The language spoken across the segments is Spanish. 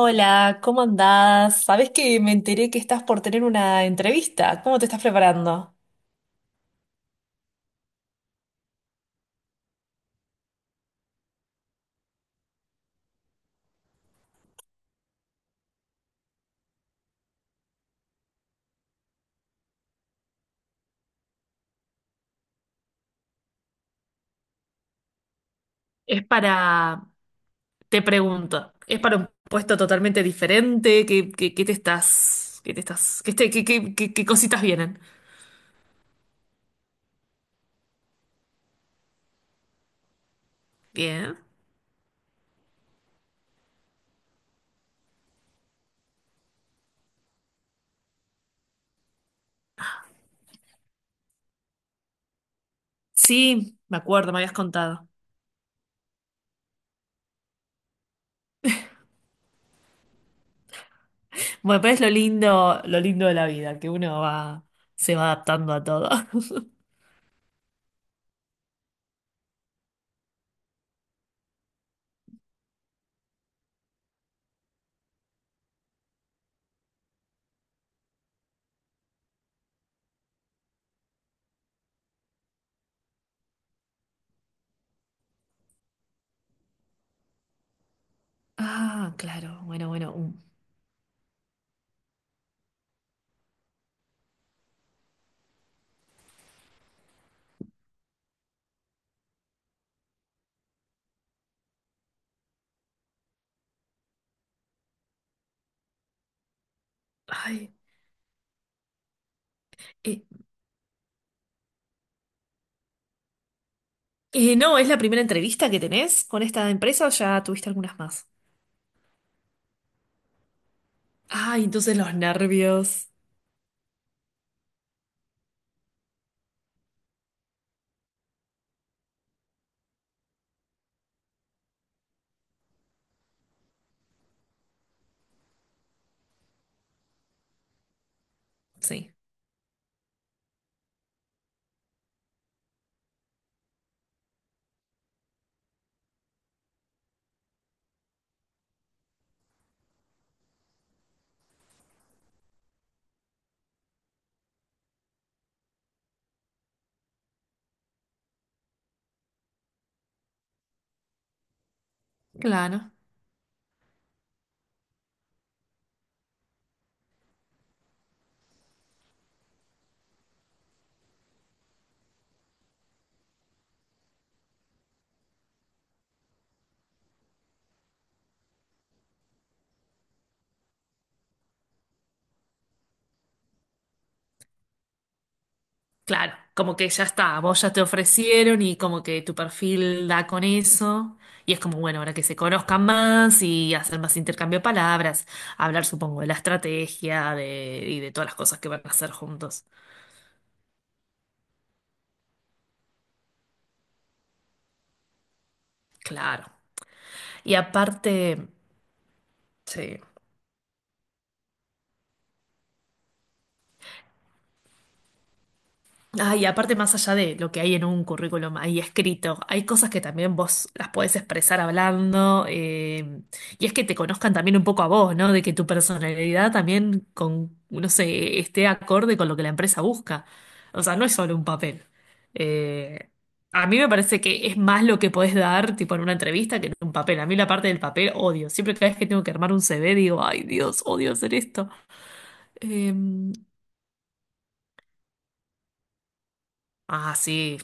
Hola, ¿cómo andás? Sabés que me enteré que estás por tener una entrevista. ¿Cómo te estás preparando? Es para, te pregunto, es para un puesto totalmente diferente, ¿qué, qué- qué te estás, qué te estás, qué, te- qué- qué- qué- qué cositas vienen? Bien. Sí, me acuerdo, me habías contado. Bueno, pero es lo lindo de la vida, que uno va, se va adaptando a todo. Ah, claro, bueno. Ay, eh, no, ¿es la primera entrevista que tenés con esta empresa o ya tuviste algunas más? Ay, entonces los nervios. Sí, claro, claro. Como que ya está, vos ya te ofrecieron y como que tu perfil da con eso. Y es como, bueno, ahora que se conozcan más y hacer más intercambio de palabras, hablar, supongo, de la estrategia de, y de todas las cosas que van a hacer juntos. Claro. Y aparte, sí. Ah, y aparte, más allá de lo que hay en un currículum ahí escrito, hay cosas que también vos las podés expresar hablando, y es que te conozcan también un poco a vos, ¿no? De que tu personalidad también con, no sé, esté acorde con lo que la empresa busca. O sea, no es solo un papel. Eh, a mí me parece que es más lo que podés dar, tipo en una entrevista, que en un papel. A mí la parte del papel odio. Siempre cada vez que tengo que armar un CV digo, ay Dios, odio hacer esto. Em, ah, sí,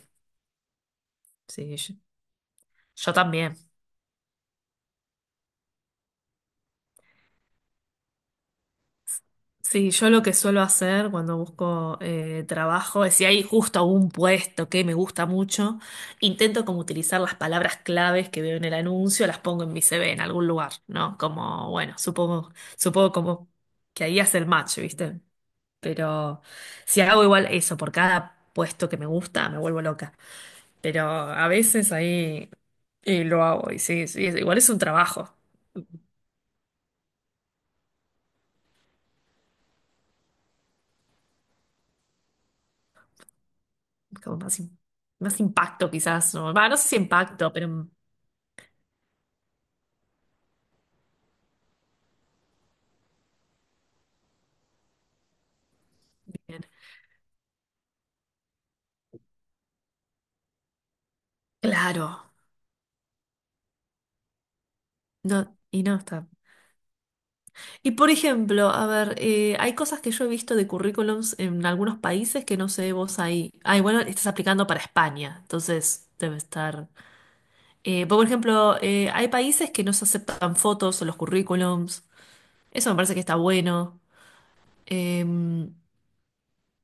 sí, yo también. Sí, yo lo que suelo hacer cuando busco trabajo es si hay justo un puesto que me gusta mucho, intento como utilizar las palabras claves que veo en el anuncio, las pongo en mi CV en algún lugar, ¿no? Como, bueno, supongo como que ahí hace el match, ¿viste? Pero si hago igual eso por cada puesto que me gusta, me vuelvo loca. Pero a veces ahí lo hago y sí, sí, igual es un trabajo, como más, im- más impacto quizás, ¿no? Va, no sé si impacto, pero... Claro, no, y no está. Y por ejemplo, a ver, hay cosas que yo he visto de currículums en algunos países que no sé vos ahí. Ay, bueno, estás aplicando para España, entonces debe estar. Por ejemplo, hay países que no se aceptan fotos en los currículums. Eso me parece que está bueno. Em,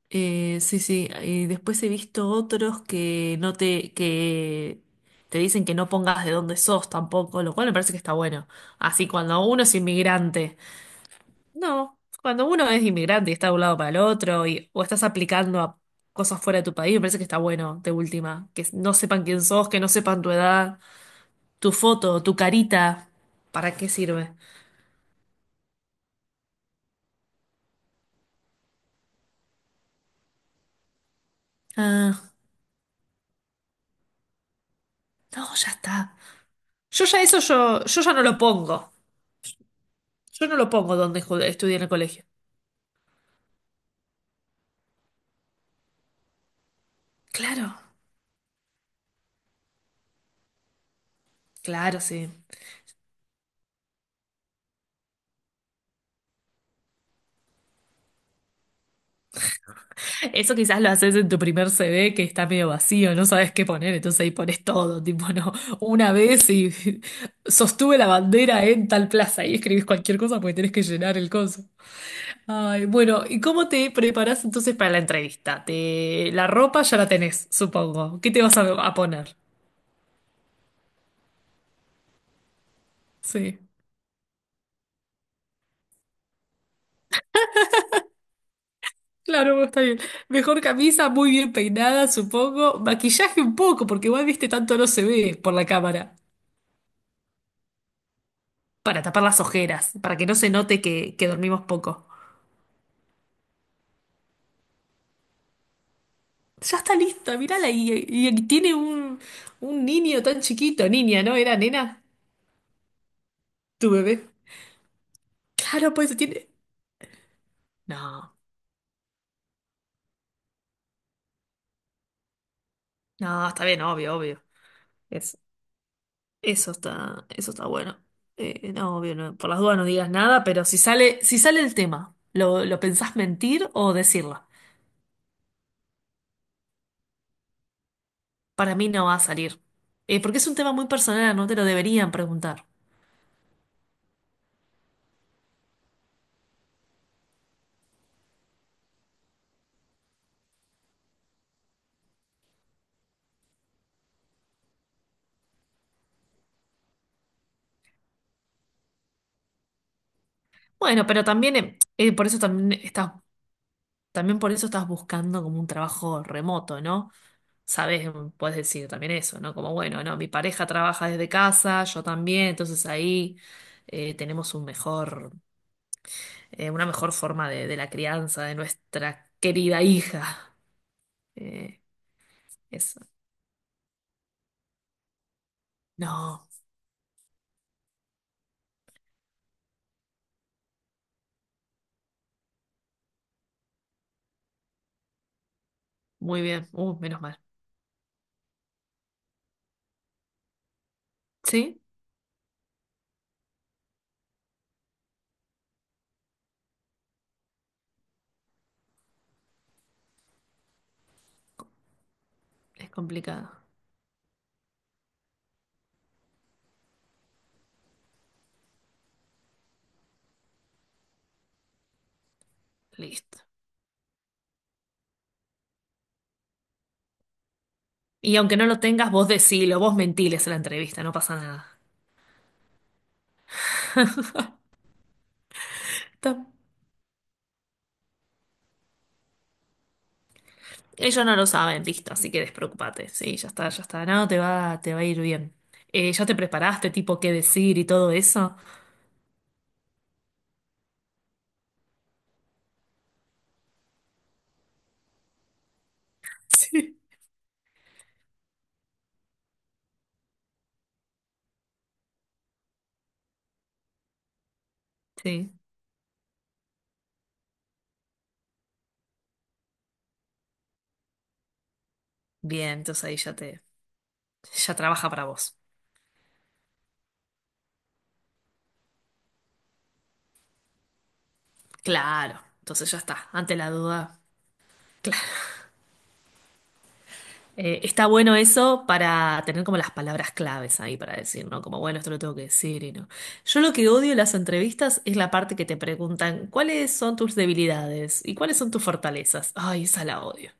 sí, sí. Y después he visto otros que no te, que te dicen que no pongas de dónde sos tampoco, lo cual me parece que está bueno. Así cuando uno es inmigrante. No, cuando uno es inmigrante y está de un lado para el otro y, o estás aplicando a cosas fuera de tu país, me parece que está bueno, de última, que no sepan quién sos, que no sepan tu edad, tu foto, tu carita, ¿para qué sirve? Ah, no, ya está. Yo ya eso yo ya no lo pongo. Yo no lo pongo donde estudié en el colegio. Claro, claro, sí. Eso quizás lo haces en tu primer CD que está medio vacío, no sabes qué poner, entonces ahí pones todo, tipo, no, una vez y sostuve la bandera en tal plaza y escribís cualquier cosa porque tenés que llenar el coso. Ay, bueno, ¿y cómo te preparás entonces para la entrevista? Te... La ropa ya la tenés, supongo. ¿Qué te vas a poner? Sí. Claro, está bien. Mejor camisa, muy bien peinada, supongo. Maquillaje un poco, porque igual viste tanto no se ve por la cámara. Para tapar las ojeras, para que no se note que dormimos poco. Ya está lista, mírala. Y tiene un niño tan chiquito, niña, ¿no? Era nena, tu bebé. Claro, pues tiene. No, no, está bien, obvio, obvio. Es, eso está bueno. No, obvio, no, por las dudas no digas nada, pero si sale, si sale el tema, lo pensás mentir o decirla? Para mí no va a salir. Porque es un tema muy personal, no te lo deberían preguntar. Bueno, pero también, por eso también estás, también por eso estás buscando como un trabajo remoto, ¿no? Sabes, puedes decir también eso, ¿no? Como, bueno, no, mi pareja trabaja desde casa, yo también, entonces ahí tenemos un mejor, una mejor forma de la crianza de nuestra querida hija. Eh, eso. No, muy bien, menos mal. ¿Sí? Es complicado. Listo. Y aunque no lo tengas, vos decilo, vos mentiles en la entrevista, no pasa nada. Ellos no lo saben, listo, así que despreocupate. Sí, ya está, ya está. No, te va a ir bien. ¿Ya te preparaste, tipo, qué decir y todo eso? Sí. Sí. Bien, entonces ahí ya te, ya trabaja para vos. Claro, entonces ya está, ante la duda. Claro. Está bueno eso para tener como las palabras claves ahí para decir, ¿no? Como, bueno, esto lo tengo que decir y no. Yo lo que odio en las entrevistas es la parte que te preguntan, ¿cuáles son tus debilidades y cuáles son tus fortalezas? Ay, esa la odio.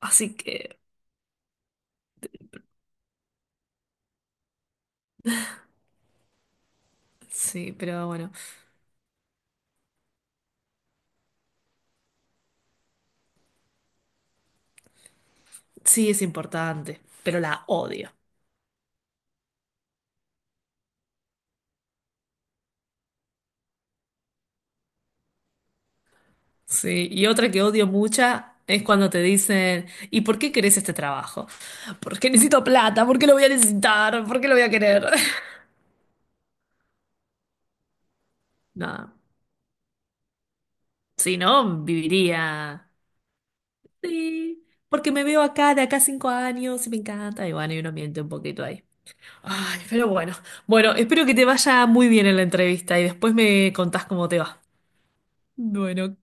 Así que... Sí, pero bueno, sí es importante, pero la odio. Sí, y otra que odio mucha es cuando te dicen, ¿y por qué querés este trabajo? Porque necesito plata, ¿por qué lo voy a necesitar? ¿Por qué lo voy a querer? No, si no, viviría. Sí, porque me veo acá de acá a 5 años y me encanta. Y bueno, y uno miente un poquito ahí. Ay, pero bueno. Bueno, espero que te vaya muy bien en la entrevista y después me contás cómo te va. Bueno,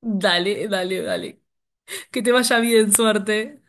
dale, dale, dale. Que te vaya bien, suerte.